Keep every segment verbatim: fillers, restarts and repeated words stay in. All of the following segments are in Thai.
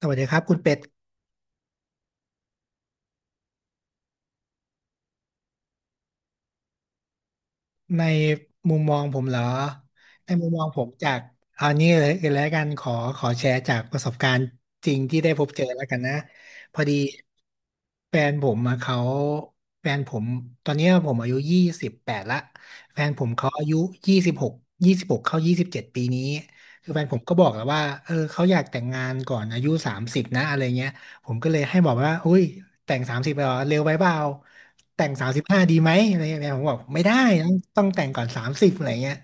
สวัสดีครับคุณเป็ดในมุมมองผมเหรอในมุมมองผมจากเอานี้เลยแล้วกันขอขอแชร์จากประสบการณ์จริงที่ได้พบเจอแล้วกันนะพอดีแฟนผมมาเขาแฟนผมตอนเนี้ยผมอายุยี่สิบแปดละแฟนผมเขาอายุยี่สิบหกยี่สิบหกเข้ายี่สิบเจ็ดปีนี้คือแฟนผมก็บอกแล้วว่าเออเขาอยากแต่งงานก่อนอายุสามสิบนะอะไรเงี้ย ผมก็เลยให้บอกว่าอุ้ยแต่งสามสิบไปเหรอ เร็วไปเปล่าแต่งสามสิบห้าดีไหมอะไรอย่างเงี้ย ผมบอกไม่ได้ ต้องต้องแต่งก่อนสามสิบอะไรเงี้ย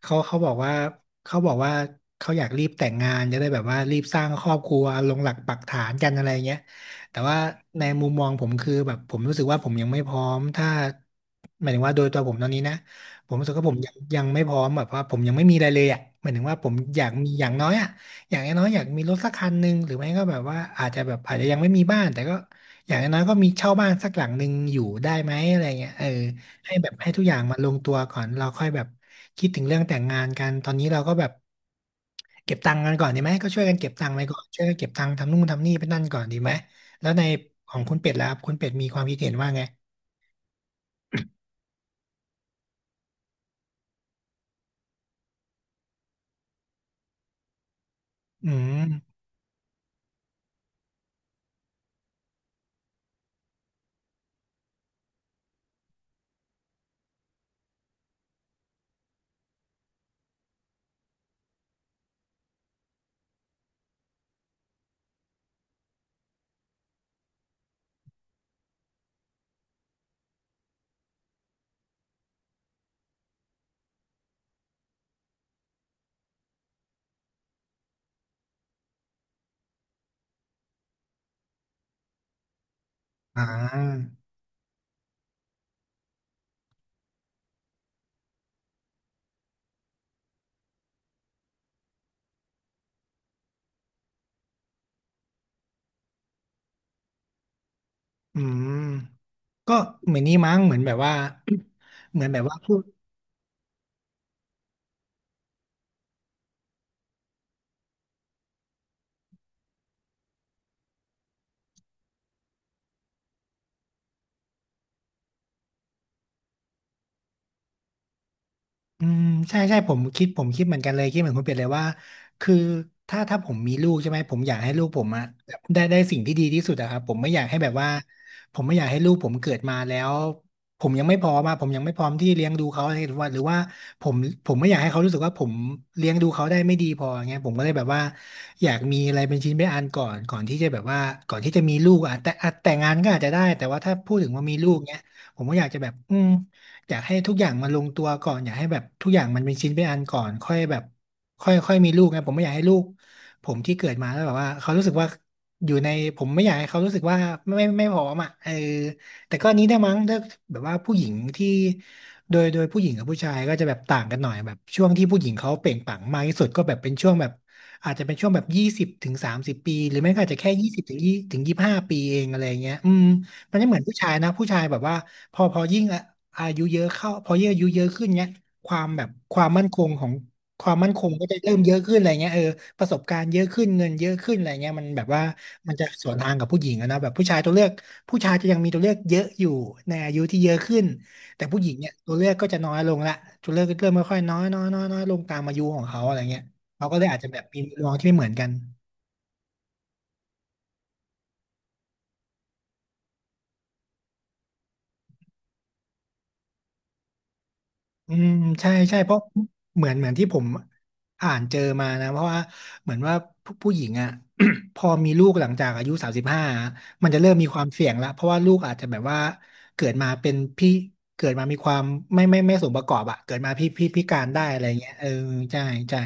เขาเขาบอกว่าเขาบอกว่าเขาอยากรีบแต่งงานจะได้แบบว่ารีบสร้างครอบครัวลงหลักปักฐานกันอะไรเงี้ยแต่ว่าในมุมมองผมคือแบบผมรู้สึกว่าผมยังไม่พร้อมถ้าหมายถึงว่าโดยตัวผมตอนนี้นะผมรู้สึกว่าผมยังยังไม่พร้อมแบบว่าผมยังไม่มีอะไรเลยอ่ะหมายถึงว่าผมอยากมีอย่างน้อยอ่ะอย่างน้อยๆอยากมีรถสักคันหนึ่งหรือไม่ก็แบบว่าอาจจะแบบอาจจะยังไม่มีบ้านแต่ก็อย่างน้อยๆก็มีเช่าบ้านสักหลังหนึ่งอยู่ได้ไหมอะไรเงี้ยเออ ให้แบบให้ทุกอย่างมาลงตัวก่อนเราค่อยแบบคิดถึงเรื่องแต่งงานกันตอนนี้เราก็แบบเก็บตังค์กันก่อนดีไหมก็ช่วยกันเก็บตังค์ไปก่อนช่วยกันเก็บตังค์ทำนู่นทำนี่ไปนั่นก่อนดีไหมแล้วในของคุณเป็ดล่ะครับคุณเป็ดมีความคิดเห็นว่าไงอืมอ่าอืมก็เหมือนนี้มั้งเหมือนแบบว่า เหมือนแบบว่าพูด อืมใช่ใช่ผมคิดผมคิดเหมือนกันเลยคิดเหมือนคุณเป็ดเลยว่าคือถ้าถ้าผมมีลูกใช่ไหมผมอยากให้ลูกผมอะได้ได้สิ่งที่ดีที่สุดอะครับผมไม่อยากให้แบบว่าผมไม่อยากให้ลูกผมเกิดมาแล้วผมยังไม่พร้อมาผมยังไม่พร้อมที่เลี้ยงดูเขาอะไรหรือว่าหรือว่าผมผมไม่อยากให้เขารู้สึกว่าผมเลี้ยงดูเขาได้ไม่ดีพออย่างเงี้ยผมก็เลยแบบว่าอยากมีอะไรเป็นชิ้นเป็นอันก่อนก่อนที่จะแบบว่าก่อนที่จะมีลูกอะแต่อะแต่งงานก็อาจจะได้แต่ว่าถ้าพูดถึงว่ามีลูกเงี้ยผมก็อยากจะแบบอืม อยากให้ทุกอย่างมันลงตัวก่อนอยากให้แบบทุกอย่างมันเป็นชิ้นเป็นอันก่อนค่อยแบบค่อยค่อยมีลูกไงผมไม่อยากให้ลูกผมที่เกิดมาแล้วแบบว่าเขารู้สึกว่าอยู่ในผมไม่อยากให้เขารู้สึกว่าไม่ไม่ไม่พร้อมอ่ะเออแต่ก็อันนี้ได้มั้งถ้าแบบว่าผู้หญิงที่โดยโดยผู้หญิงกับผู้ชายก็จะแบบต่างกันหน่อยแบบช่วงที่ผู้หญิงเขาเปล่งปลั่งมากที่สุดก็แบบเป็นช่วงแบบอาจจะเป็นช่วงแบบยี่สิบถึงสามสิบปีหรือไม่ก็อาจจะแค่ยี่สิบถึงยี่ถึงยี่สิบห้าปีเองอะไรเงี้ยอืมมันไม่เหมือนผู้ชายนะผู้ชายแบบว่า พอพอยิ่งอะอายุเยอะเข้าพอยิ่งอายุเยอะขึ้นเนี้ยความแบบความมั่นคงของความมั่นคงก็จะเริ่มเยอะขึ้นอะไรเงี้ยเออประสบการณ์เยอะขึ้นเงินเยอะขึ้นอะไรเงี้ยมันแบบว่ามันจะสวนทางกับผู้หญิงอะนะแบบผู้ชายตัวเลือกผู้ชายจะยังมีตัวเลือกเยอะอยู่ในอายุที่เยอะขึ้นแต่ผู้หญิงเนี่ยตัวเลือกก็จะน้อยลงละตัวเลือกก็เริ่มค่อยๆน้อยน้อยน้อยน้อยลงตามอายุของเขาอะไรเงี้ยเขาก็เลยอาจจะแบบมีมุมมองที่ไม่เหมือนกัน อืมใช่ใช่เพราะเหมือนเหมือนที่ผมอ่านเจอมานะเพราะว่าเหมือนว่าผู้ผู้หญิงอ่ะ พอมีลูกหลังจากอายุสามสิบห้ามันจะเริ่มมีความเสี่ยงแล้วเพราะว่าลูกอาจจะแบบว่าเกิดมาเป็นพี่เกิดมามีความไม่ไม่ไม่สมประกอบอ่ะเกิดมาพี่พี่พิการได้อะไรเงี้ยเออใช่ใช่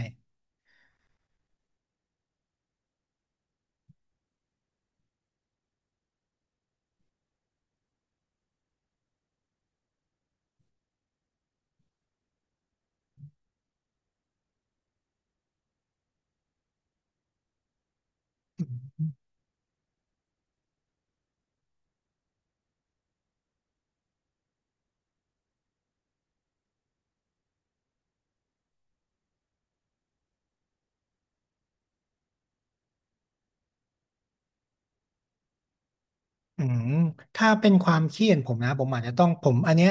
อืมถ้าเป็นความเครีเห็นผมนะผมอาจจะต้องผมอันเนี้ย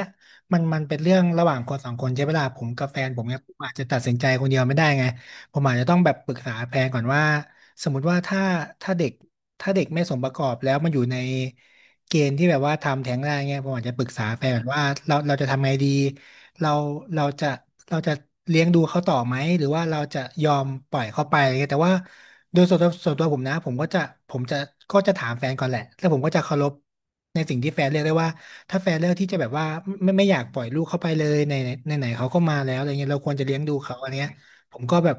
มันมันเป็นเรื่องระหว่างคนสองคนใช่ไหมล่ะผมกับแฟนผมเนี่ยผมอาจจะตัดสินใจคนเดียวไม่ได้ไงผมอาจจะต้องแบบปรึกษาแฟนก่อนว่าสมมติว่าถ้าถ้าเด็กถ้าเด็กไม่สมประกอบแล้วมันอยู่ใน เกณฑ์ที่แบบว่าทำแท้งได้เงี้ยผมอาจจะปรึกษาแฟนแบบว่าเราเราจะทำไงดีเราเราจะเราจะเลี้ยงดูเขาต่อไหมหรือว่าเราจะยอมปล่อยเขาไปอะไรเงี้ยแต่ว่าโดยส่วนตัวส่วนตัวผมนะผมก็จะผมจะก็จะถามแฟนก่อนแหละแล้วผมก็จะเคารพในสิ่งที่แฟนเลือกได้ว่าถ้าแฟนเลือกที่จะแบบว่าไม่ไม่อยากปล่อยลูกเข้าไปเลยในในไหนๆเขาก็มาแล้วอะไรเงี้ยเราควรจะเลี้ยงดูเขาอะไรเงี้ยผมก็แบบ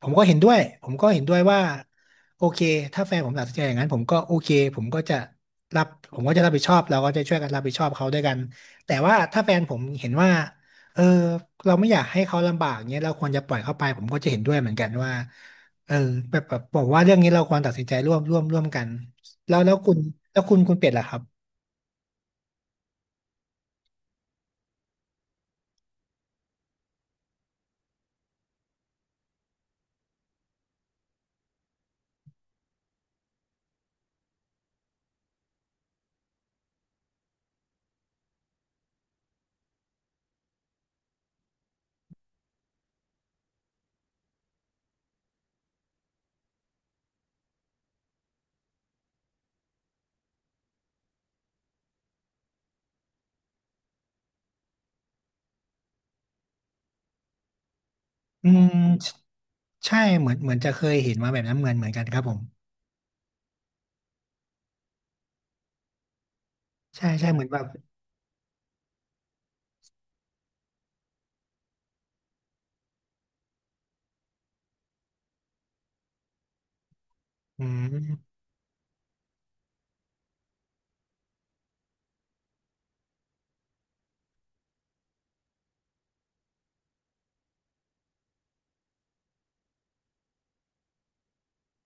ผมก็เห็นด้วยผมก็เห็นด้วยว่า โอเคถ้าแฟนผมตัดสินใจอย่างนั้นผมก็โอเคผมก็จะรับผมก็จะรับผิดชอบเราก็จะช่วยกันรับผิดชอบเขาด้วยกันแต่ว่าถ้าแฟนผมเห็นว่าเออเราไม่อยากให้เขาลำบากเนี้ยเราควรจะปล่อยเขาไปผมก็จะเห็นด้วยเหมือนกันว่าเออแบบแบบบอกว่าเรื่องนี้เราควรตัดสินใจร่วมร่วมร่วมกันแล้วแล้วคุณแล้วคุณคุณเป็ดล่ะครับอืมใช่เหมือนเหมือนจะเคยเห็นมาแบบนั้นเหมือนเหมือนกันครับผมใช่ใช่เหมือนแบบอืม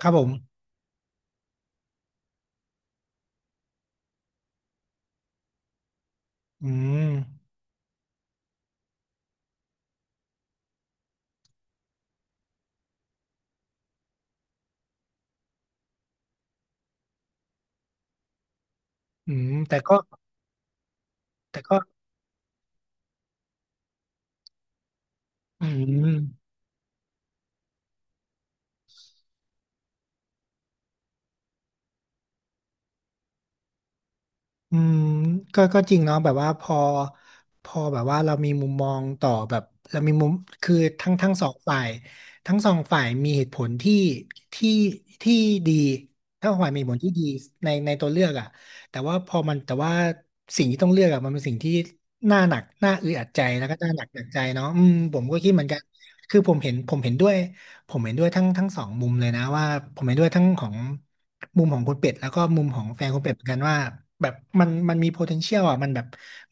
ครับผมอืมอืมแต่ก็แต่ก็อืม อืมก็ก็จริงเนาะแบบว่าพอพอแบบว่าเรามีมุมมองต่อแบบเรามีมุมคือทั้งทั้งสองฝ่ายทั้งสองฝ่ายมีเหตุผลที่ที่ที่ดีทั้งสองฝ่ายมีเหตุผลที่ดีในในตัวเลือกอ่ะแต่ว่าพอมันแต่ว่าสิ่งที่ต้องเลือกอ่ะมันเป็นสิ่งที่น่าหนักน่าอึดอัดใจแล้วก็น่าหนักหนักใจเนาะอืมผมก็คิดเหมือนกันคือผมเห็นผมเห็นด้วยผมเห็นด้วยทั้งทั้งสองมุมเลยนะว่าผมเห็นด้วยทั้งของ มุมของคุณเป็ดแล้วก็มุมของแฟนคุณเป็ดเหมือนกันว่าแบบมันมันมี potential อ่ะมันแบบ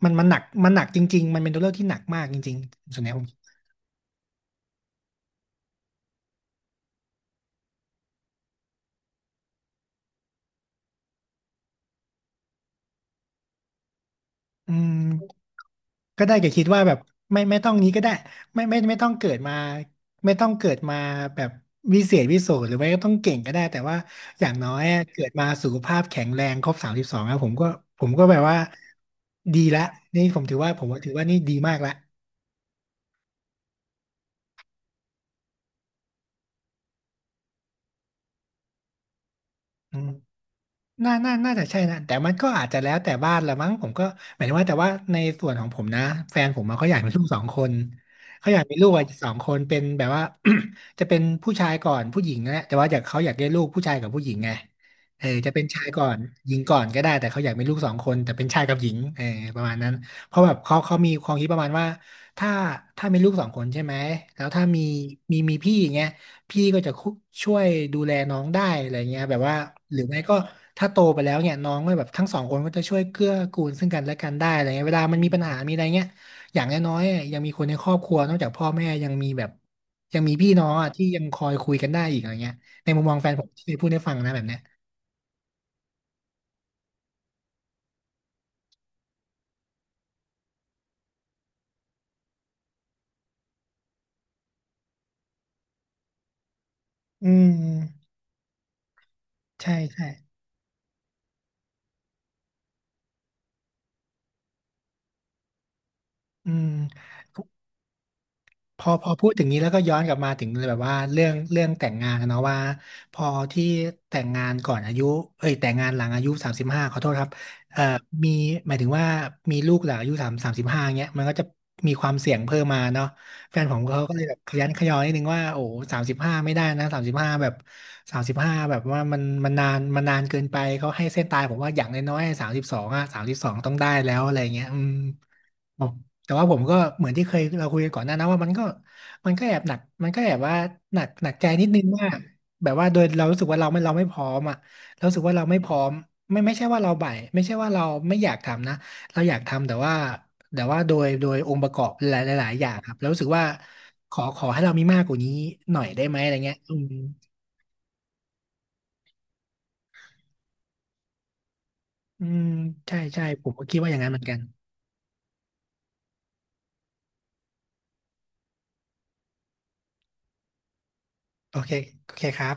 มันมันหนักมันหนักจริงๆมันเป็นตัวเลือกที่หนักมากจริงๆส่วนนี้ผมอืมก็ได้แก่คิดว่าแบบไม่ไม่ต้องนี้ก็ได้ไม่ไม่ไม่ต้องเกิดมาไม่ต้องเกิดมาแบบวิเศษวิโสหรือไม่ก็ต้องเก่งก็ได้แต่ว่าอย่างน้อยอะเกิดมาสุขภาพแข็งแรงครบสามสิบสองแล้วผมก็ผมก็แบบว่าดีละนี่ผมถือว่าผมว่าถือว่านี่ดีมากละอืม น่าน่าน่าจะใช่นะแต่มันก็อาจจะแล้วแต่บ้านละมั้งผมก็หมายถึงว่าแต่ว่าในส่วนของผมนะแฟนผมอะเขาอยากมีลูกสองคนเขาอยากมีลูกอะสองคนเป็นแบบว่า จะเป็นผู้ชายก่อนผู้หญิงนะแต่ว่าอยากเขาอยากได้ลูกผู้ชายกับผู้หญิงไงเออจะเป็นชายก่อนหญิงก่อนก็ได้แต่เขาอยากมีลูกสองคนแต่เป็นชายกับหญิงเออประมาณนั้นเพราะแบบเขาเขามีความคิดประมาณว่าถ้าถ้ามีลูกสองคนใช่ไหมแล้วถ้ามีมีมีพี่อย่างเงี้ย พี่ก็จะคุช่วยดูแลน้องได้อะไรเงี้ยแบบว่าหรือไม่ก็ถ้าโตไปแล้วเนี่ยน้องก็แบบทั้งสองคนก็จะช่วยเกื้อกูลซึ่งกันและกันได้อะไรเงี้ยเวลามันมีปัญหามีอะไรเงี้ยอย่างน้อยๆอะยังมีคนในครอบครัวนอกจากพ่อแม่ยังมีแบบยังมีพี่น้องอ่ะที่ยังคอยคุยกันได้อีกอะไรเงี้ยในมุมมองแฟนผมที่เคยพูดให้ฟังนะแบบเนี้ยอืมใช่ใช่อืม พอพอพูดถึงนี้แล้วก็ย้อนกลับมาถึงแบบว่าเรื่องเรื่องแต่งงานนะเนาะว่าพอที่แต่งงานก่อนอายุเอ้ยแต่งงานหลังอายุสามสิบห้าขอโทษครับเอ่อมีหมายถึงว่ามีลูกหลังอายุสามสามสิบห้าเงี้ยมันก็จะมีความเสี่ยงเพิ่มมาเนาะแฟนผมเขาก็เลยแบบขยันขยอนิดนึงว่าโอ้สามสิบห้าไม่ได้นะสามสิบห้าแบบสามสิบห้าแบบว่ามันมันนานมันนานเกินไปเขาให้เส้นตายผมว่าอย่างน้อยๆสามสิบสองอะสามสิบสองต้องได้แล้วอะไรเงี้ยอืม อ๋อแต่ว่าผมก็เหมือนที่เคยเราคุยกันก่อนหน้านะว่ามันก็มันก็แอบหนักมันก็แอบว่าหนักหนักใจนิดนึงว่าแบบว่าโดยเรารู้สึกว่าเราไม่เราไม่พร้อมอ่ะเรารู้สึกว่าเราไม่พร้อมไม่ไม่ใช่ว่าเราบ่ายไม่ใช่ว่าเราไม่อยากทำนะเราอยากทำแต่ว่าแต่ว่าโดยโดยองค์ประกอบหลายหลายอย่างครับเรารู้สึกว่าขอขอให้เรามีมากกว่านี้หน่อยได้ไหมอะไรเงี้ยอืมอืมใช่ใช่ผมก็คิดว่าอย่างนั้นเหมือนกันโอเคโอเคครับ